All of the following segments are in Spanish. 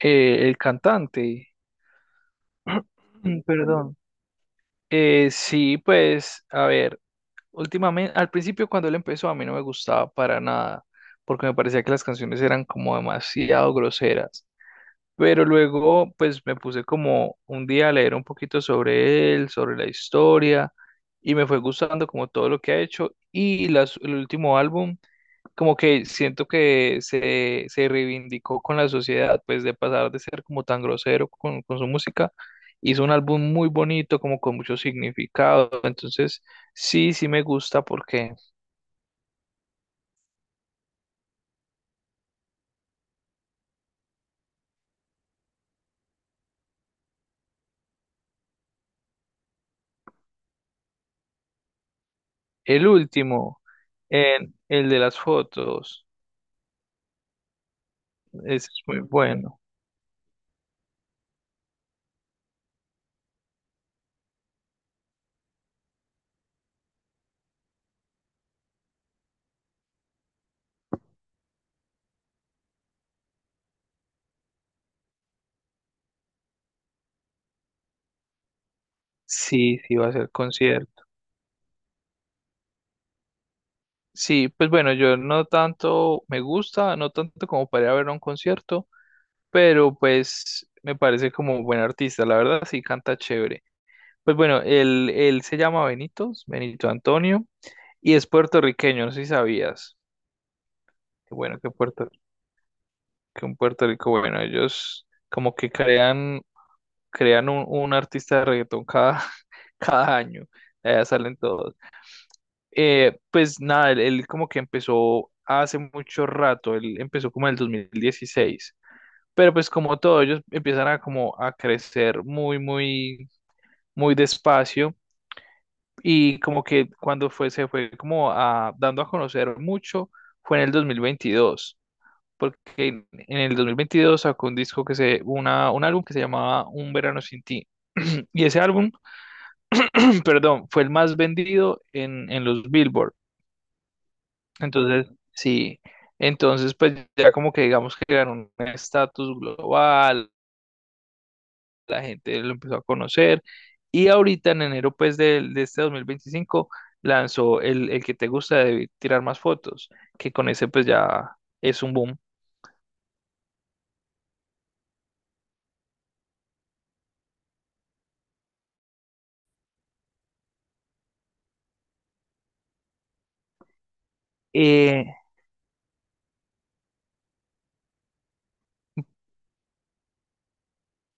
El cantante. Perdón. Sí, pues, a ver, últimamente, al principio cuando él empezó a mí no me gustaba para nada, porque me parecía que las canciones eran como demasiado groseras. Pero luego, pues, me puse como un día a leer un poquito sobre él, sobre la historia, y me fue gustando como todo lo que ha hecho. El último álbum como que siento que se reivindicó con la sociedad, pues de pasar de ser como tan grosero con su música, hizo un álbum muy bonito, como con mucho significado, entonces sí, sí me gusta porque el último, el de las fotos, ese es muy bueno, sí, sí va a ser concierto. Sí, pues bueno, yo no tanto me gusta, no tanto como para ir a ver a un concierto, pero pues me parece como buen artista, la verdad sí canta chévere. Pues bueno, él se llama Benitos, Benito Antonio, y es puertorriqueño, no sé si sabías. Qué bueno que un Puerto Rico, bueno, ellos como que crean un artista de reggaetón cada, cada año, allá salen todos. Pues nada, él como que empezó hace mucho rato, él empezó como en el 2016. Pero pues como todo, ellos empiezan a como a crecer muy, muy, muy despacio. Y como que cuando fue, se fue como dando a conocer mucho, fue en el 2022, porque en el 2022 sacó un disco un álbum que se llamaba Un Verano Sin Ti. Y ese álbum, perdón, fue el más vendido en los Billboard. Entonces, sí, entonces pues ya como que digamos que ganó un estatus global, la gente lo empezó a conocer. Y ahorita en enero pues de este 2025 lanzó el que te gusta de tirar más fotos, que con ese pues ya es un boom. Eh,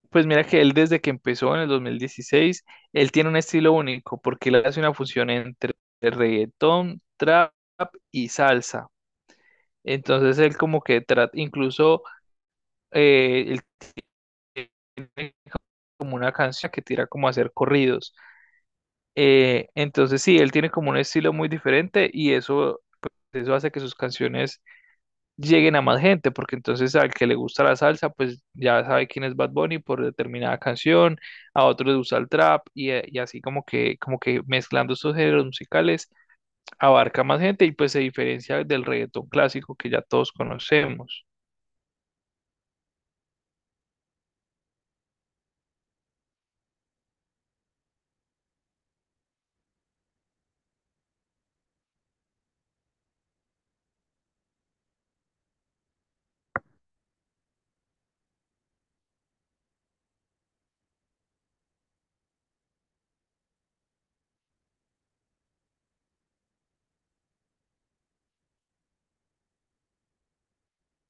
pues mira que él desde que empezó en el 2016 él tiene un estilo único porque él hace una fusión entre reggaetón, trap y salsa. Entonces él como que trata, incluso él tiene como una canción que tira como a hacer corridos. Entonces sí, él tiene como un estilo muy diferente y eso hace que sus canciones lleguen a más gente, porque entonces al que le gusta la salsa, pues ya sabe quién es Bad Bunny por determinada canción, a otros les gusta el trap y así como que mezclando estos géneros musicales abarca más gente y pues se diferencia del reggaetón clásico que ya todos conocemos.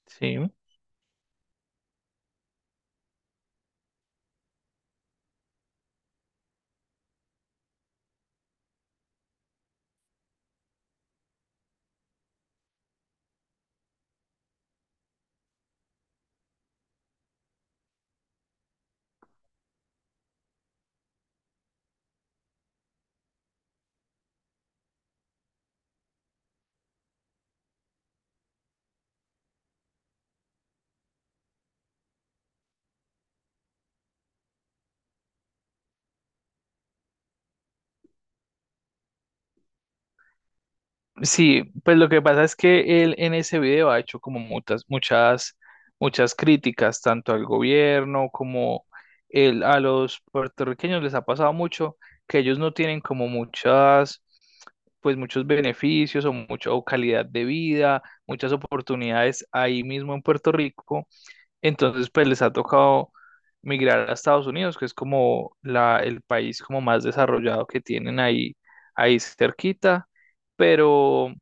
Sí. Sí, pues lo que pasa es que él en ese video ha hecho como muchas, muchas, muchas críticas, tanto al gobierno como él, a los puertorriqueños les ha pasado mucho que ellos no tienen como muchas, pues muchos beneficios o mucha o calidad de vida, muchas oportunidades ahí mismo en Puerto Rico. Entonces, pues les ha tocado migrar a Estados Unidos, que es como el país como más desarrollado que tienen ahí, ahí cerquita. Pero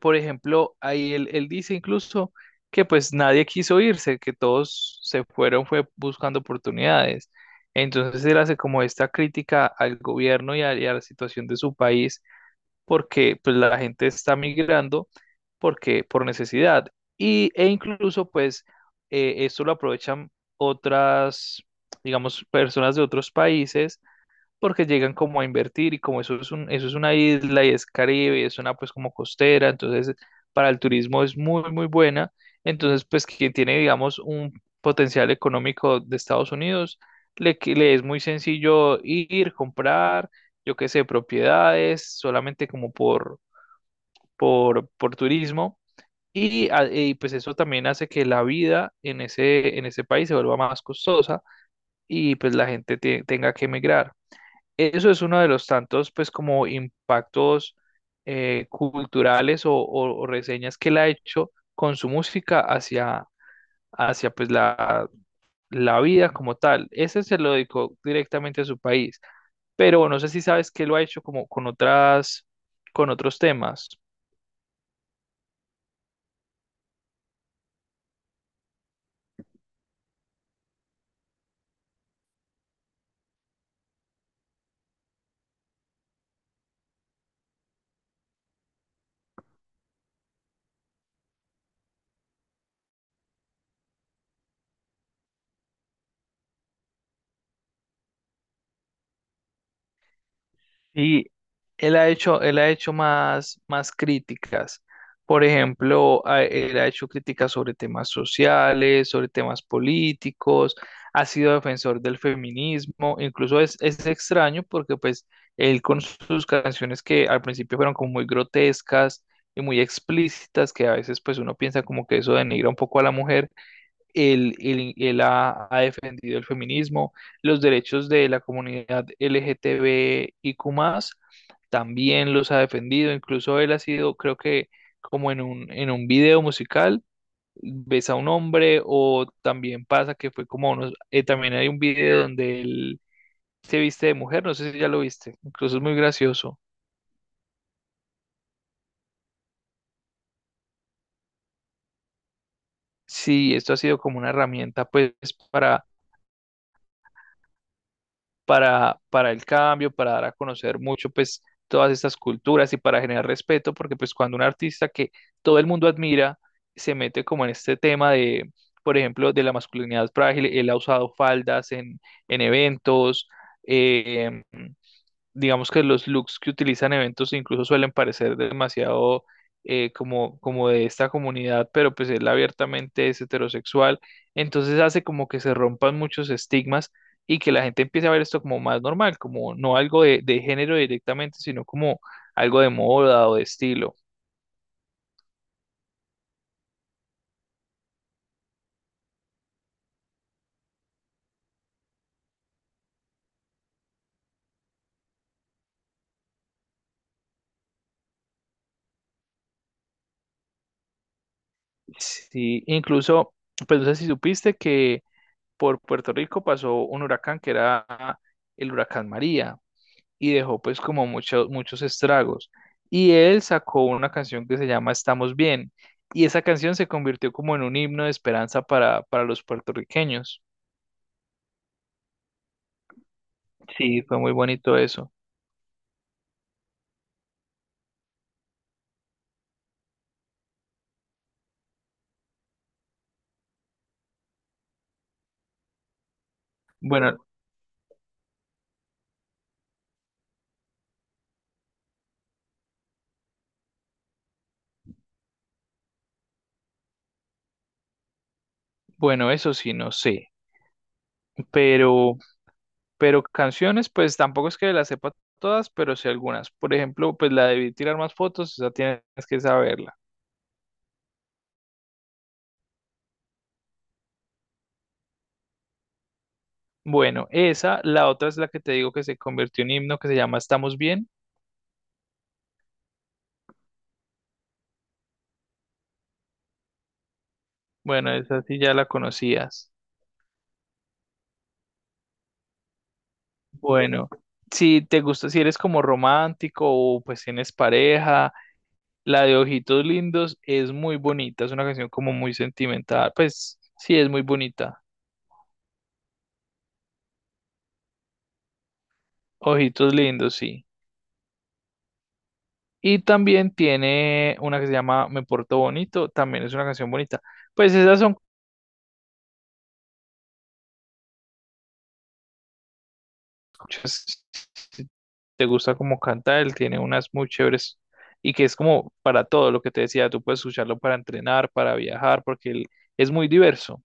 por ejemplo, ahí él dice incluso que pues nadie quiso irse, que todos se fueron, fue buscando oportunidades. Entonces él hace como esta crítica al gobierno y a la situación de su país, porque pues la gente está migrando porque, por necesidad. Y, e incluso pues esto lo aprovechan otras, digamos, personas de otros países porque llegan como a invertir y como eso es una isla y es Caribe y es una pues como costera, entonces para el turismo es muy muy buena, entonces pues quien tiene digamos un potencial económico de Estados Unidos, le es muy sencillo ir, comprar, yo qué sé, propiedades, solamente como por, por turismo. Y pues eso también hace que la vida en ese, país se vuelva más costosa y pues la gente tenga que emigrar. Eso es uno de los tantos, pues, como impactos culturales o, o reseñas que él ha hecho con su música hacia pues, la vida como tal. Ese se lo dedicó directamente a su país, pero no sé si sabes que lo ha hecho como con otras, con otros temas. Y él ha hecho más críticas. Por ejemplo, él ha hecho críticas sobre temas sociales, sobre temas políticos, ha sido defensor del feminismo, incluso es extraño porque pues él con sus canciones que al principio fueron como muy grotescas y muy explícitas, que a veces pues uno piensa como que eso denigra un poco a la mujer, él ha defendido el feminismo, los derechos de la comunidad LGTBIQ+, también los ha defendido, incluso él ha sido, creo que como en un video musical, ves a un hombre o también pasa que fue como unos, también hay un video donde él se viste de mujer, no sé si ya lo viste, incluso es muy gracioso. Sí, esto ha sido como una herramienta pues para para el cambio, para dar a conocer mucho, pues, todas estas culturas y para generar respeto, porque pues cuando un artista que todo el mundo admira se mete como en este tema de, por ejemplo, de la masculinidad frágil, él ha usado faldas en eventos, eh, digamos que los looks que utilizan eventos incluso suelen parecer demasiado como de esta comunidad, pero pues él abiertamente es heterosexual, entonces hace como que se rompan muchos estigmas y que la gente empiece a ver esto como más normal, como no algo de género directamente, sino como algo de moda o de estilo. Sí, incluso, pues no sé si supiste que por Puerto Rico pasó un huracán que era el huracán María. Y dejó pues como muchos muchos estragos. Y él sacó una canción que se llama Estamos Bien, y esa canción se convirtió como en un himno de esperanza para los puertorriqueños. Sí, fue muy bonito eso. Bueno, bueno, eso sí, no sé, pero, pero canciones, pues tampoco es que las sepa todas, pero sí algunas. Por ejemplo, pues la de tirar más fotos, esa tienes que saberla. Bueno, esa, la otra es la que te digo que se convirtió en himno, que se llama Estamos Bien. Bueno, esa sí ya la conocías. Bueno, si te gusta, si eres como romántico o pues tienes pareja, la de Ojitos Lindos es muy bonita, es una canción como muy sentimental, pues sí, es muy bonita. Ojitos Lindos, sí. Y también tiene una que se llama Me Porto Bonito, también es una canción bonita. Pues esas son, muchas, si te gusta como canta él, tiene unas muy chéveres y que es como para todo lo que te decía, tú puedes escucharlo para entrenar, para viajar, porque él es muy diverso.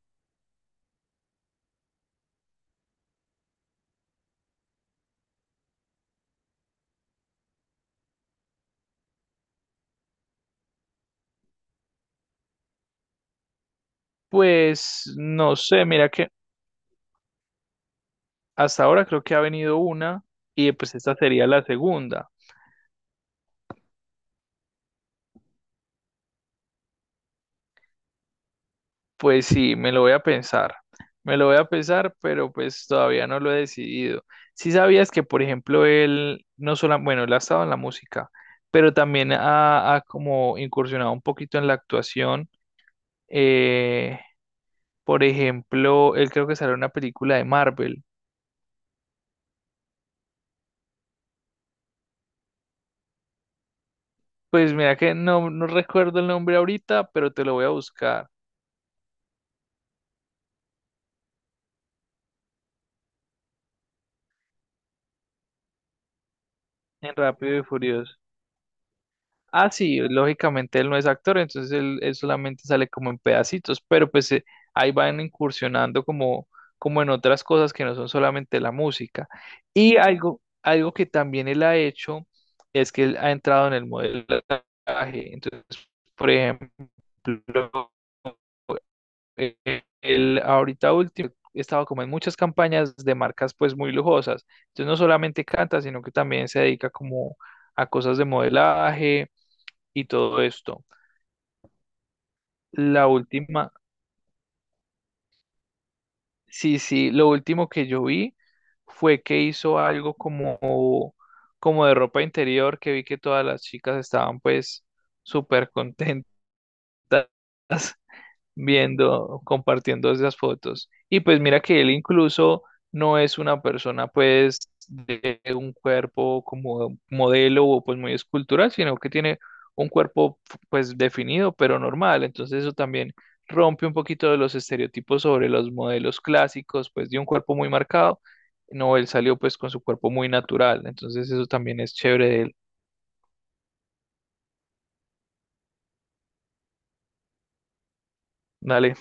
Pues no sé, mira que hasta ahora creo que ha venido una y pues esta sería la segunda. Pues sí, me lo voy a pensar, me lo voy a pensar, pero pues todavía no lo he decidido. Si sabías que, por ejemplo, él no solo, bueno, él ha estado en la música, pero también ha, ha como incursionado un poquito en la actuación. Eh, por ejemplo, él creo que salió en una película de Marvel. Pues mira que no, no recuerdo el nombre ahorita, pero te lo voy a buscar en Rápido y Furioso. Ah, sí, lógicamente él no es actor, entonces él solamente sale como en pedacitos, pero pues ahí van incursionando como, como en otras cosas que no son solamente la música. Y algo que también él ha hecho es que él ha entrado en el modelaje. Entonces, por ejemplo, eh, él ahorita último he estado como en muchas campañas de marcas pues muy lujosas. Entonces no solamente canta, sino que también se dedica como a cosas de modelaje y todo esto. La última, sí, sí, lo último que yo vi fue que hizo algo como, como de ropa interior, que vi que todas las chicas estaban pues súper contentas viendo, compartiendo esas fotos. Y pues mira que él incluso no es una persona pues de un cuerpo como modelo o pues muy escultural, sino que tiene un cuerpo pues definido pero normal. Entonces eso también rompe un poquito de los estereotipos sobre los modelos clásicos pues de un cuerpo muy marcado. No, él salió pues con su cuerpo muy natural. Entonces eso también es chévere de él. Dale.